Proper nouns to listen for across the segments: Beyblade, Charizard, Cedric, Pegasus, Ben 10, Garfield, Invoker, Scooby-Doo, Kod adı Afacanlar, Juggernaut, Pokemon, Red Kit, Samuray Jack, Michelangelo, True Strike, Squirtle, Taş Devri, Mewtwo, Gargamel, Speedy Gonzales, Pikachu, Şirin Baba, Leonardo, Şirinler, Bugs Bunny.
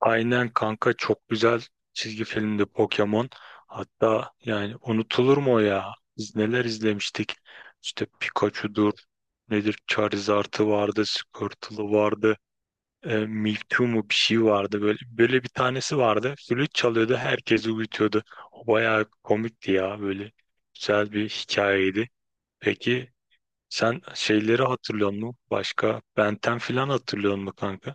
Aynen kanka, çok güzel çizgi filmdi Pokemon. Hatta yani unutulur mu o ya? Biz neler izlemiştik. İşte Pikachu'dur, nedir, Charizard'ı vardı, Squirtle'ı vardı, Mewtwo mu bir şey vardı. Böyle bir tanesi vardı. Flüt çalıyordu, herkesi uyutuyordu. O bayağı komikti ya böyle. Güzel bir hikayeydi. Peki sen şeyleri hatırlıyor musun? Başka Ben 10 falan hatırlıyor musun kanka?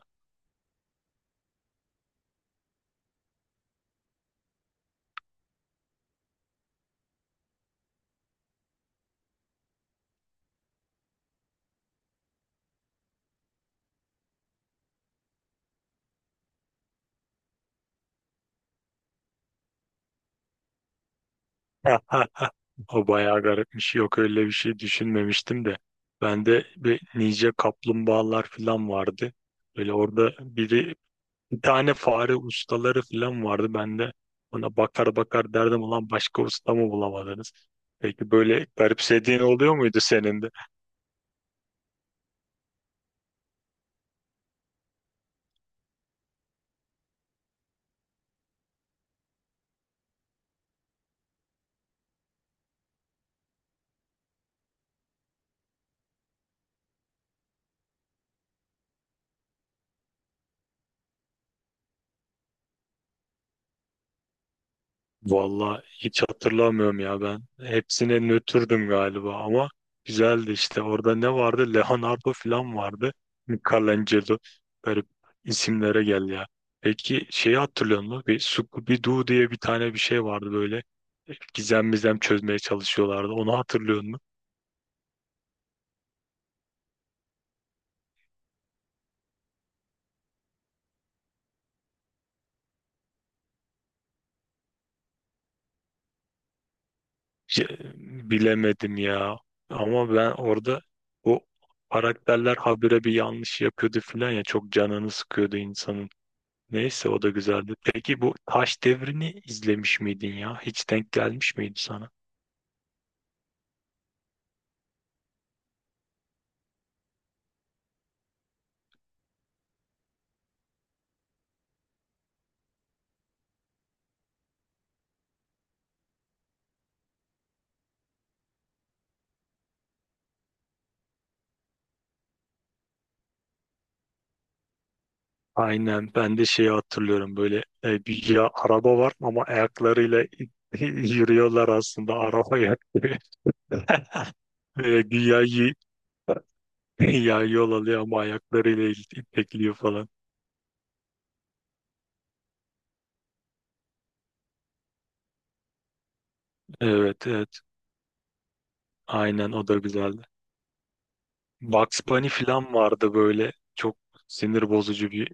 O bayağı garipmiş. Yok öyle bir şey düşünmemiştim de. Bende bir nice kaplumbağalar falan vardı. Böyle orada biri bir tane fare ustaları falan vardı. Ben de ona bakar bakar derdim, ulan başka usta mı bulamadınız? Peki böyle garipsediğin oluyor muydu senin? Vallahi hiç hatırlamıyorum ya ben. Hepsine nötrdüm galiba ama güzeldi işte. Orada ne vardı? Leonardo falan vardı. Michelangelo. Garip isimlere gel ya. Peki şeyi hatırlıyor musun? Bir Scooby-Doo diye bir tane bir şey vardı böyle. Gizem mizem çözmeye çalışıyorlardı. Onu hatırlıyor musun? Şey, bilemedim ya. Ama ben orada o karakterler habire bir yanlış yapıyordu falan ya. Çok canını sıkıyordu insanın. Neyse o da güzeldi. Peki bu Taş Devri'ni izlemiş miydin ya? Hiç denk gelmiş miydi sana? Aynen, ben de şeyi hatırlıyorum böyle, bir ya araba var ama ayaklarıyla yürüyorlar, aslında araba ayak gibi. Güya ya yol alıyor ama ayaklarıyla itekliyor falan. Evet evet, aynen, o da güzeldi. Bugs Bunny falan vardı böyle. Çok sinir bozucu bir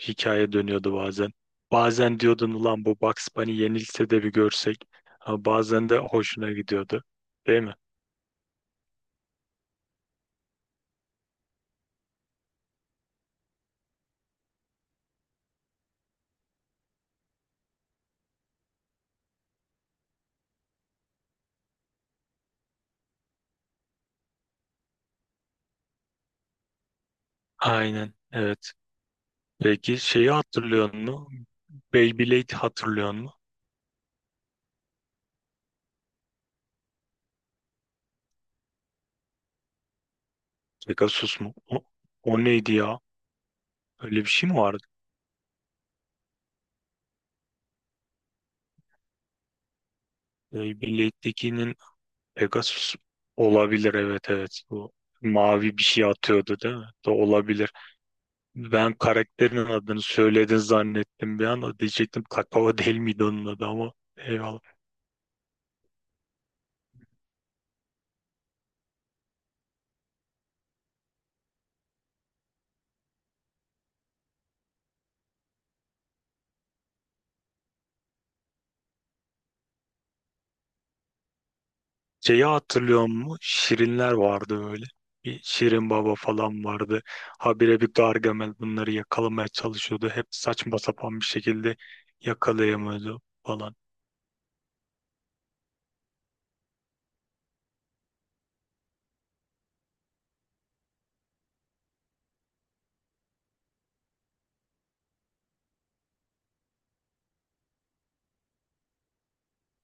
hikaye dönüyordu bazen. Bazen diyordun ulan bu Bugs Bunny yenilse de bir görsek. Ha, bazen de hoşuna gidiyordu. Değil mi? Aynen. Evet. Peki şeyi hatırlıyor musun? Beyblade hatırlıyor musun? Pegasus mu? O neydi ya? Öyle bir şey mi vardı? Beyblade'dekinin Pegasus olabilir. Evet evet. Bu mavi bir şey atıyordu değil mi? Da olabilir. Ben karakterin adını söyledin zannettim bir an. Diyecektim kakao değil miydi onun adı, ama eyvallah. Şeyi hatırlıyor musun? Şirinler vardı öyle. Bir Şirin Baba falan vardı. Habire bir Gargamel bunları yakalamaya çalışıyordu. Hep saçma sapan bir şekilde yakalayamıyordu falan.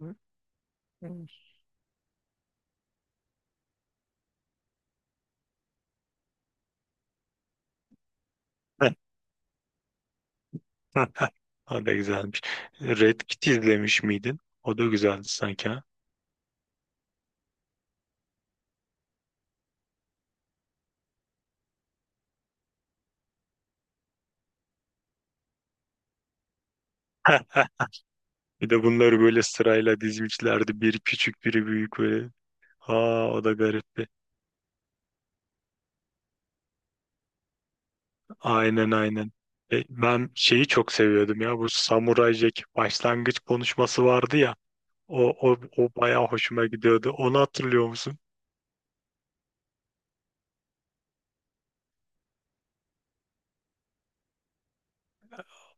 Hı, hı. O da güzelmiş. Red Kit izlemiş miydin? O da güzeldi sanki ha. Bir de bunları böyle sırayla dizmişlerdi. Biri küçük, biri büyük böyle. Aa, o da garipti. Aynen aynen. Ben şeyi çok seviyordum ya, bu Samuray Jack başlangıç konuşması vardı ya. O bayağı hoşuma gidiyordu. Onu hatırlıyor musun?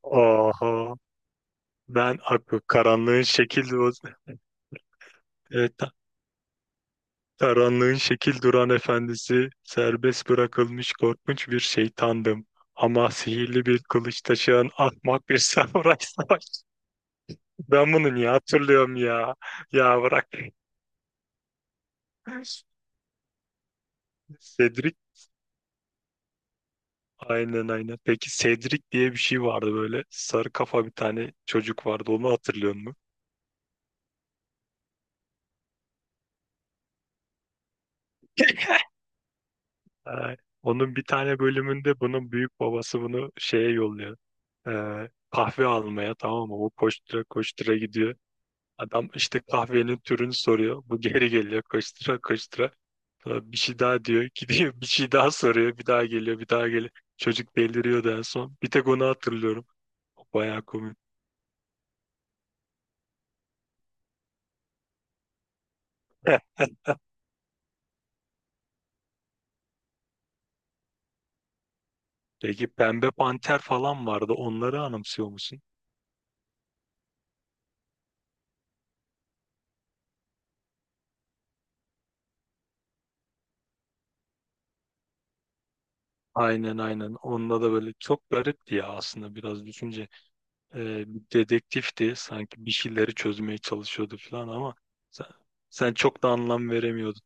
Oha. Ben Aku, karanlığın şekil evet, karanlığın şekil duran efendisi, serbest bırakılmış korkunç bir şeytandım. Ama sihirli bir kılıç taşıyan ahmak bir samuray savaş. Ben bunu niye hatırlıyorum ya? Ya bırak. Cedric aynen aynen. Peki Cedric diye bir şey vardı böyle. Sarı kafa bir tane çocuk vardı. Onu hatırlıyor musun? Ay, onun bir tane bölümünde bunun büyük babası bunu şeye yolluyor. Kahve almaya, tamam mı? Bu koştura koştura gidiyor. Adam işte kahvenin türünü soruyor. Bu geri geliyor koştura koştura. Sonra bir şey daha diyor. Gidiyor bir şey daha soruyor. Bir daha geliyor, bir daha geliyor. Çocuk deliriyordu en son. Bir tek onu hatırlıyorum. Bayağı komik. Peki Pembe Panter falan vardı. Onları anımsıyor musun? Aynen aynen. Onda da böyle çok garipti ya aslında, biraz düşünce. Bir dedektifti. Sanki bir şeyleri çözmeye çalışıyordu falan ama sen, sen çok da anlam veremiyordun.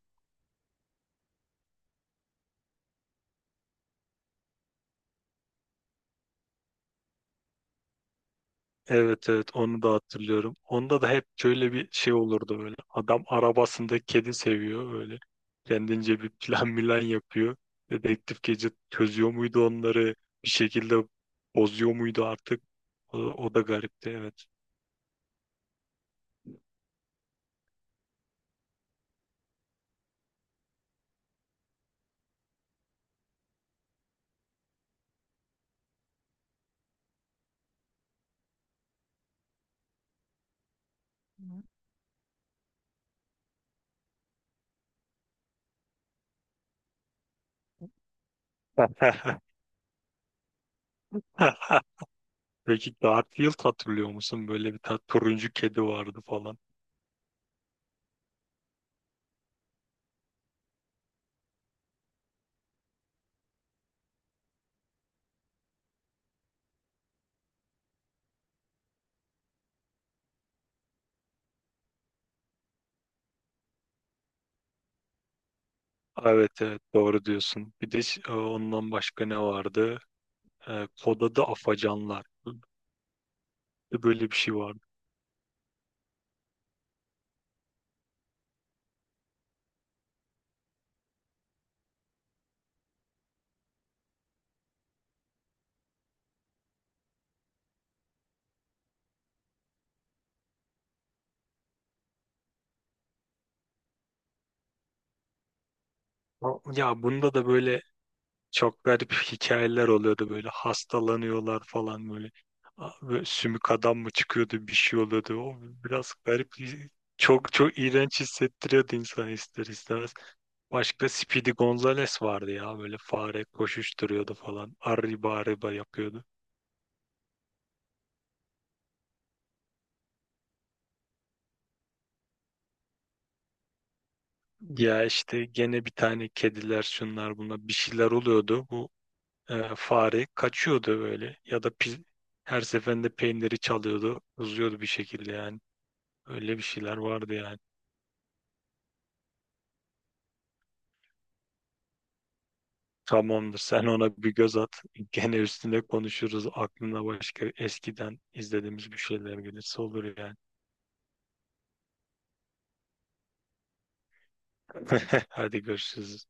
Evet evet, onu da hatırlıyorum. Onda da hep şöyle bir şey olurdu böyle. Adam arabasında kedi seviyor böyle. Kendince bir plan milan yapıyor. Dedektif gece çözüyor muydu onları? Bir şekilde bozuyor muydu artık? O, o da garipti, evet. Peki Garfield hatırlıyor musun? Böyle bir turuncu kedi vardı falan. Evet evet, doğru diyorsun. Bir de ondan başka ne vardı? Kod adı Afacanlar. Böyle bir şey vardı. Ya bunda da böyle çok garip hikayeler oluyordu, böyle hastalanıyorlar falan böyle. Böyle sümük adam mı çıkıyordu, bir şey oluyordu. O biraz garip, çok çok iğrenç hissettiriyordu insan ister istemez. Başka Speedy Gonzales vardı ya, böyle fare koşuşturuyordu falan. Arriba arriba yapıyordu. Ya işte gene bir tane kediler şunlar bunlar, bir şeyler oluyordu. Fare kaçıyordu böyle, ya da her seferinde peyniri çalıyordu, uzuyordu bir şekilde yani. Öyle bir şeyler vardı yani. Tamamdır, sen ona bir göz at. Gene üstüne konuşuruz. Aklına başka eskiden izlediğimiz bir şeyler gelirse olur yani. Hadi görüşürüz.